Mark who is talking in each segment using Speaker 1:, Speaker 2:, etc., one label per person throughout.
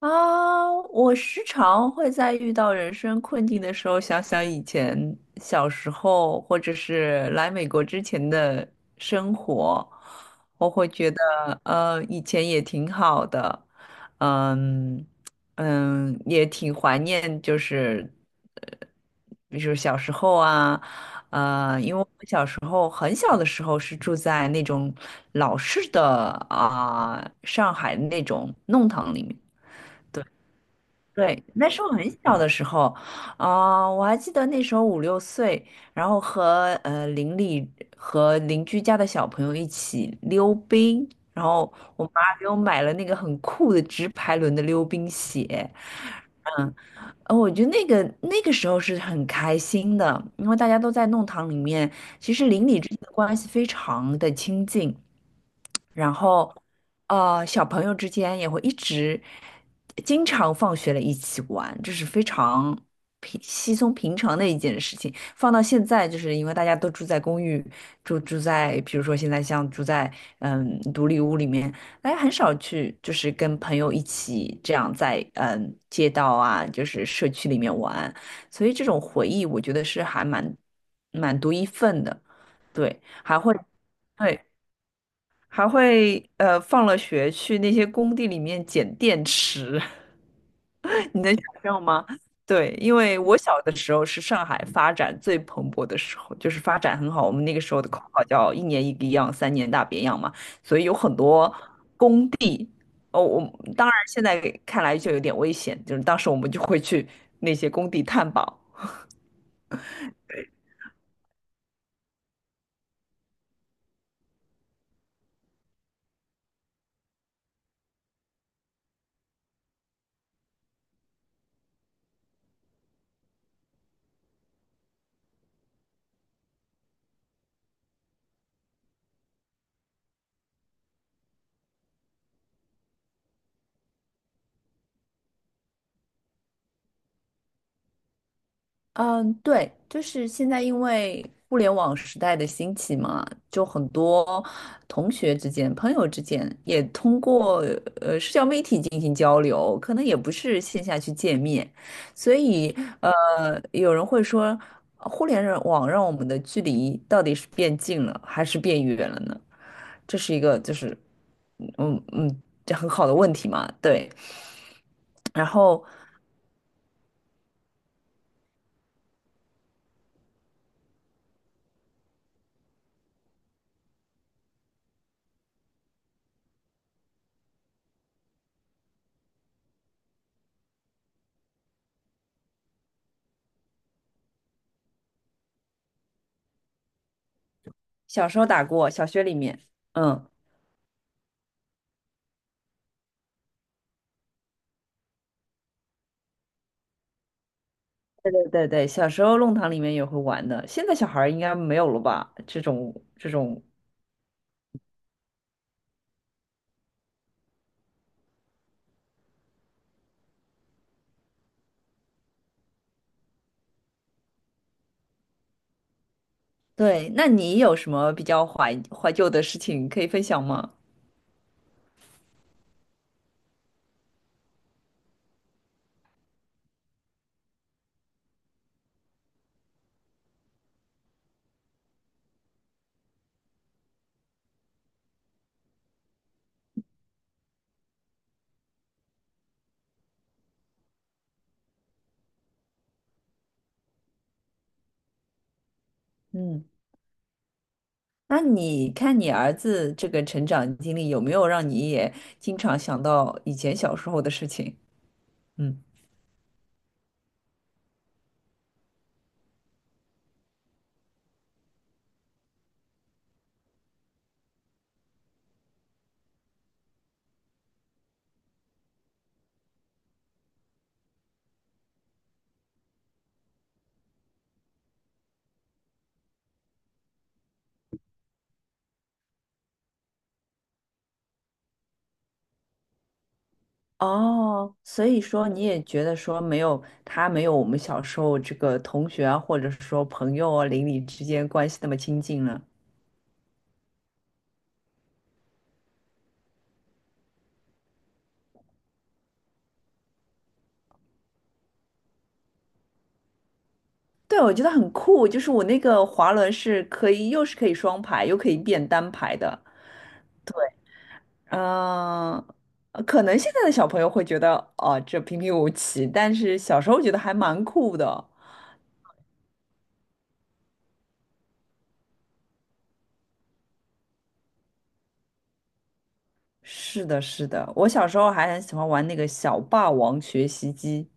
Speaker 1: 啊，我时常会在遇到人生困境的时候，想想以前小时候，或者是来美国之前的生活。我会觉得，以前也挺好的。嗯，嗯，也挺怀念，就是呃，比如小时候啊。因为我时候很小的时候是住在那种老式的啊、上海那种弄堂里面。对，那时候很小的时候，啊、我还记得那时候五六岁，然后和邻里和邻居家的小朋友一起溜冰，然后我妈给我买了那个很酷的直排轮的溜冰鞋。嗯，我觉得那个时候是很开心的，因为大家都在弄堂里面，其实邻里之间的关系非常的亲近。然后，小朋友之间也会一直经常放学了一起玩，这是非常平稀松平常的一件事情。放到现在，就是因为大家都住在公寓，住在，比如说现在像住在嗯独立屋里面，大家很少去就是跟朋友一起这样在嗯街道啊，就是社区里面玩，所以这种回忆我觉得是还蛮独一份的，对，还会。对。还会放了学去那些工地里面捡电池，你能想象吗？对，因为我小的时候是上海发展最蓬勃的时候，就是发展很好。我们那个时候的口号叫“一年一个样，三年大变样”嘛，所以有很多哦，我当然现在看来就有点危险，就是当时我们就会去那些工地探宝。嗯，对，就是现在因为互联网时代的兴起嘛，就很多同学之间、朋友之间也通过社交媒体进行交流，可能也不是线下去见面。所以有人会说，互联网让我们的距离到底是变近了还是变远了呢？这是一个就是嗯，嗯，这很好的问题嘛，对。然后小时候打过，小学里面。嗯。对对对对，小时候弄堂里面也会玩的，现在小孩儿应该没有了吧？这种，对，那你有什么比较怀旧的事情可以分享吗？嗯，那你看你儿子这个成长经历，有没有让你也经常想到以前小时候的事情？嗯，哦，所以说你也觉得说没有他没有我们小时候这个同学啊，或者说朋友啊，邻里之间关系那么亲近了。对，我觉得很酷，就是我那个滑轮是可以，又是可以双排，又可以变单排的。嗯、可能现在的小朋友会觉得，哦、这平平无奇，但是小时候觉得还蛮酷的。是的，是的，我小时候还很喜欢玩那个小霸王学习机。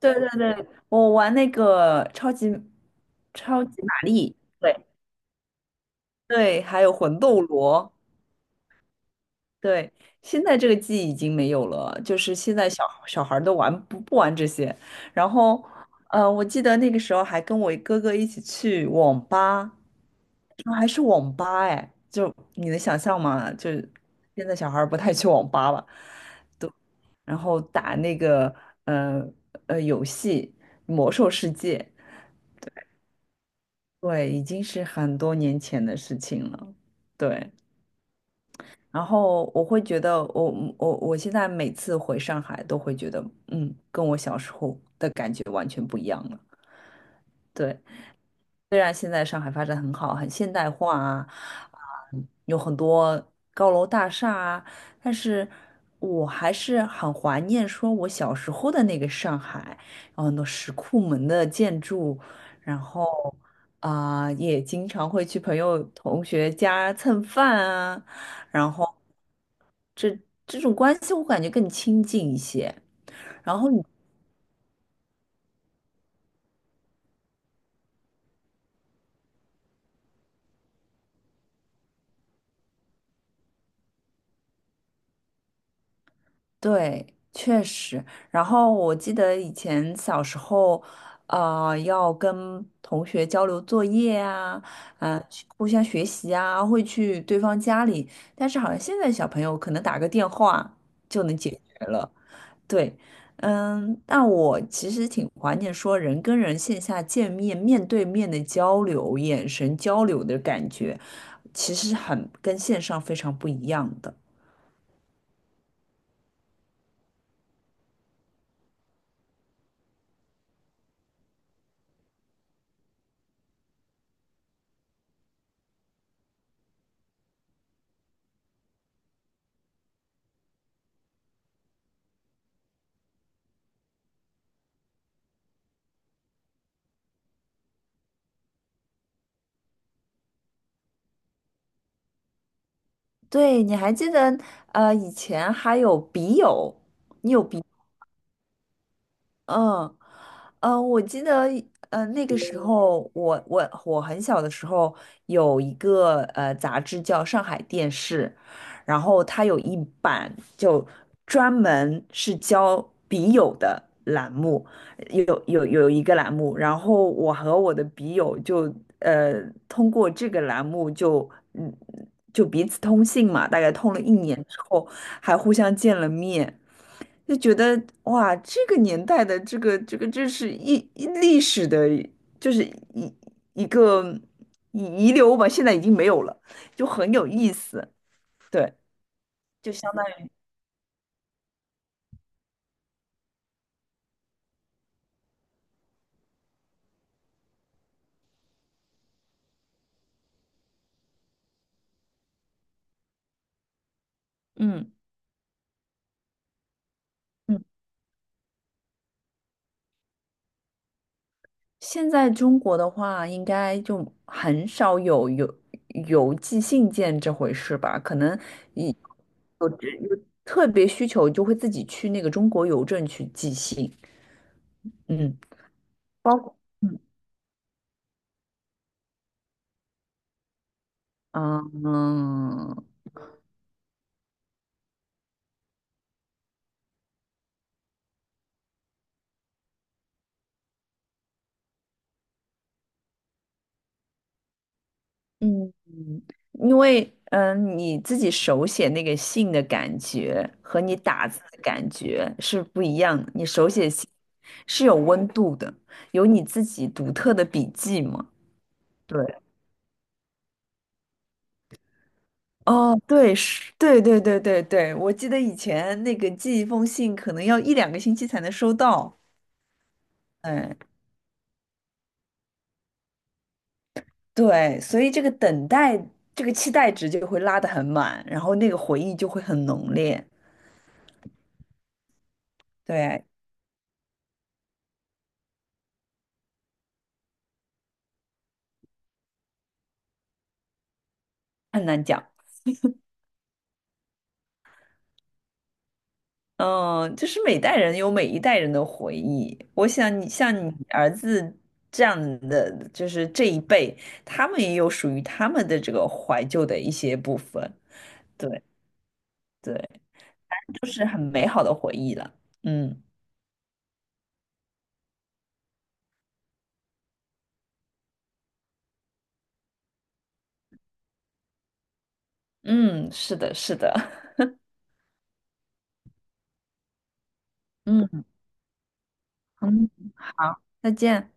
Speaker 1: 对对对，我玩那个超级超级玛丽，对对，还有魂斗罗。对，现在这个记忆已经没有了，就是现在小小孩儿都玩不玩这些。然后，我记得那个时候还跟我哥哥一起去网吧，说还是网吧哎，就你能想象吗？就是现在小孩儿不太去网吧了，然后打那个呃游戏《魔兽世界》，对，已经是很多年前的事情了，对。然后我会觉得我，我现在每次回上海都会觉得，嗯，跟我小时候的感觉完全不一样了。对，虽然现在上海发展很好，很现代化啊，啊，有很多高楼大厦啊，但是我还是很怀念说我小时候的那个上海，有很多石库门的建筑，然后啊，也经常会去朋友同学家蹭饭啊。然后，这种关系我感觉更亲近一些。然后你对，确实。然后我记得以前小时候，要跟同学交流作业啊，呃，互相学习啊，会去对方家里。但是好像现在小朋友可能打个电话就能解决了。对，嗯，但我其实挺怀念说人跟人线下见面、面对面的交流、眼神交流的感觉，其实很跟线上非常不一样的。对，你还记得以前还有笔友，你有笔，嗯，我记得，那个时候我很小的时候有一个杂志叫《上海电视》，然后它有一版就专门是教笔友的栏目，有一个栏目，然后我和我的笔友就呃通过这个栏目就嗯就彼此通信嘛，大概通了一年之后还互相见了面。就觉得哇，这个年代的这个，这是一历史的，就是一，一个遗留吧，现在已经没有了，就很有意思。对，就相当于嗯，嗯，现在中国的话，应该就很少有邮寄信件这回事吧？可能一有有特别需求，就会自己去那个中国邮政去寄信。嗯，包括嗯。嗯，嗯，因为嗯，你自己手写那个信的感觉和你打字的感觉是不一样的。你手写信是有温度的，有你自己独特的笔迹嘛？对，哦，对，是，对对对对对，我记得以前那个寄一封信可能要一两个星期才能收到。哎，对，所以这个等待，这个期待值就会拉得很满，然后那个回忆就会很浓烈。对，很难讲。嗯，就是每代人有每一代人的回忆。我想你像你儿子这样的，就是这一辈，他们也有属于他们的这个怀旧的一些部分。对对，就是很美好的回忆了。嗯，嗯，是的，是的。嗯，嗯，好，再见。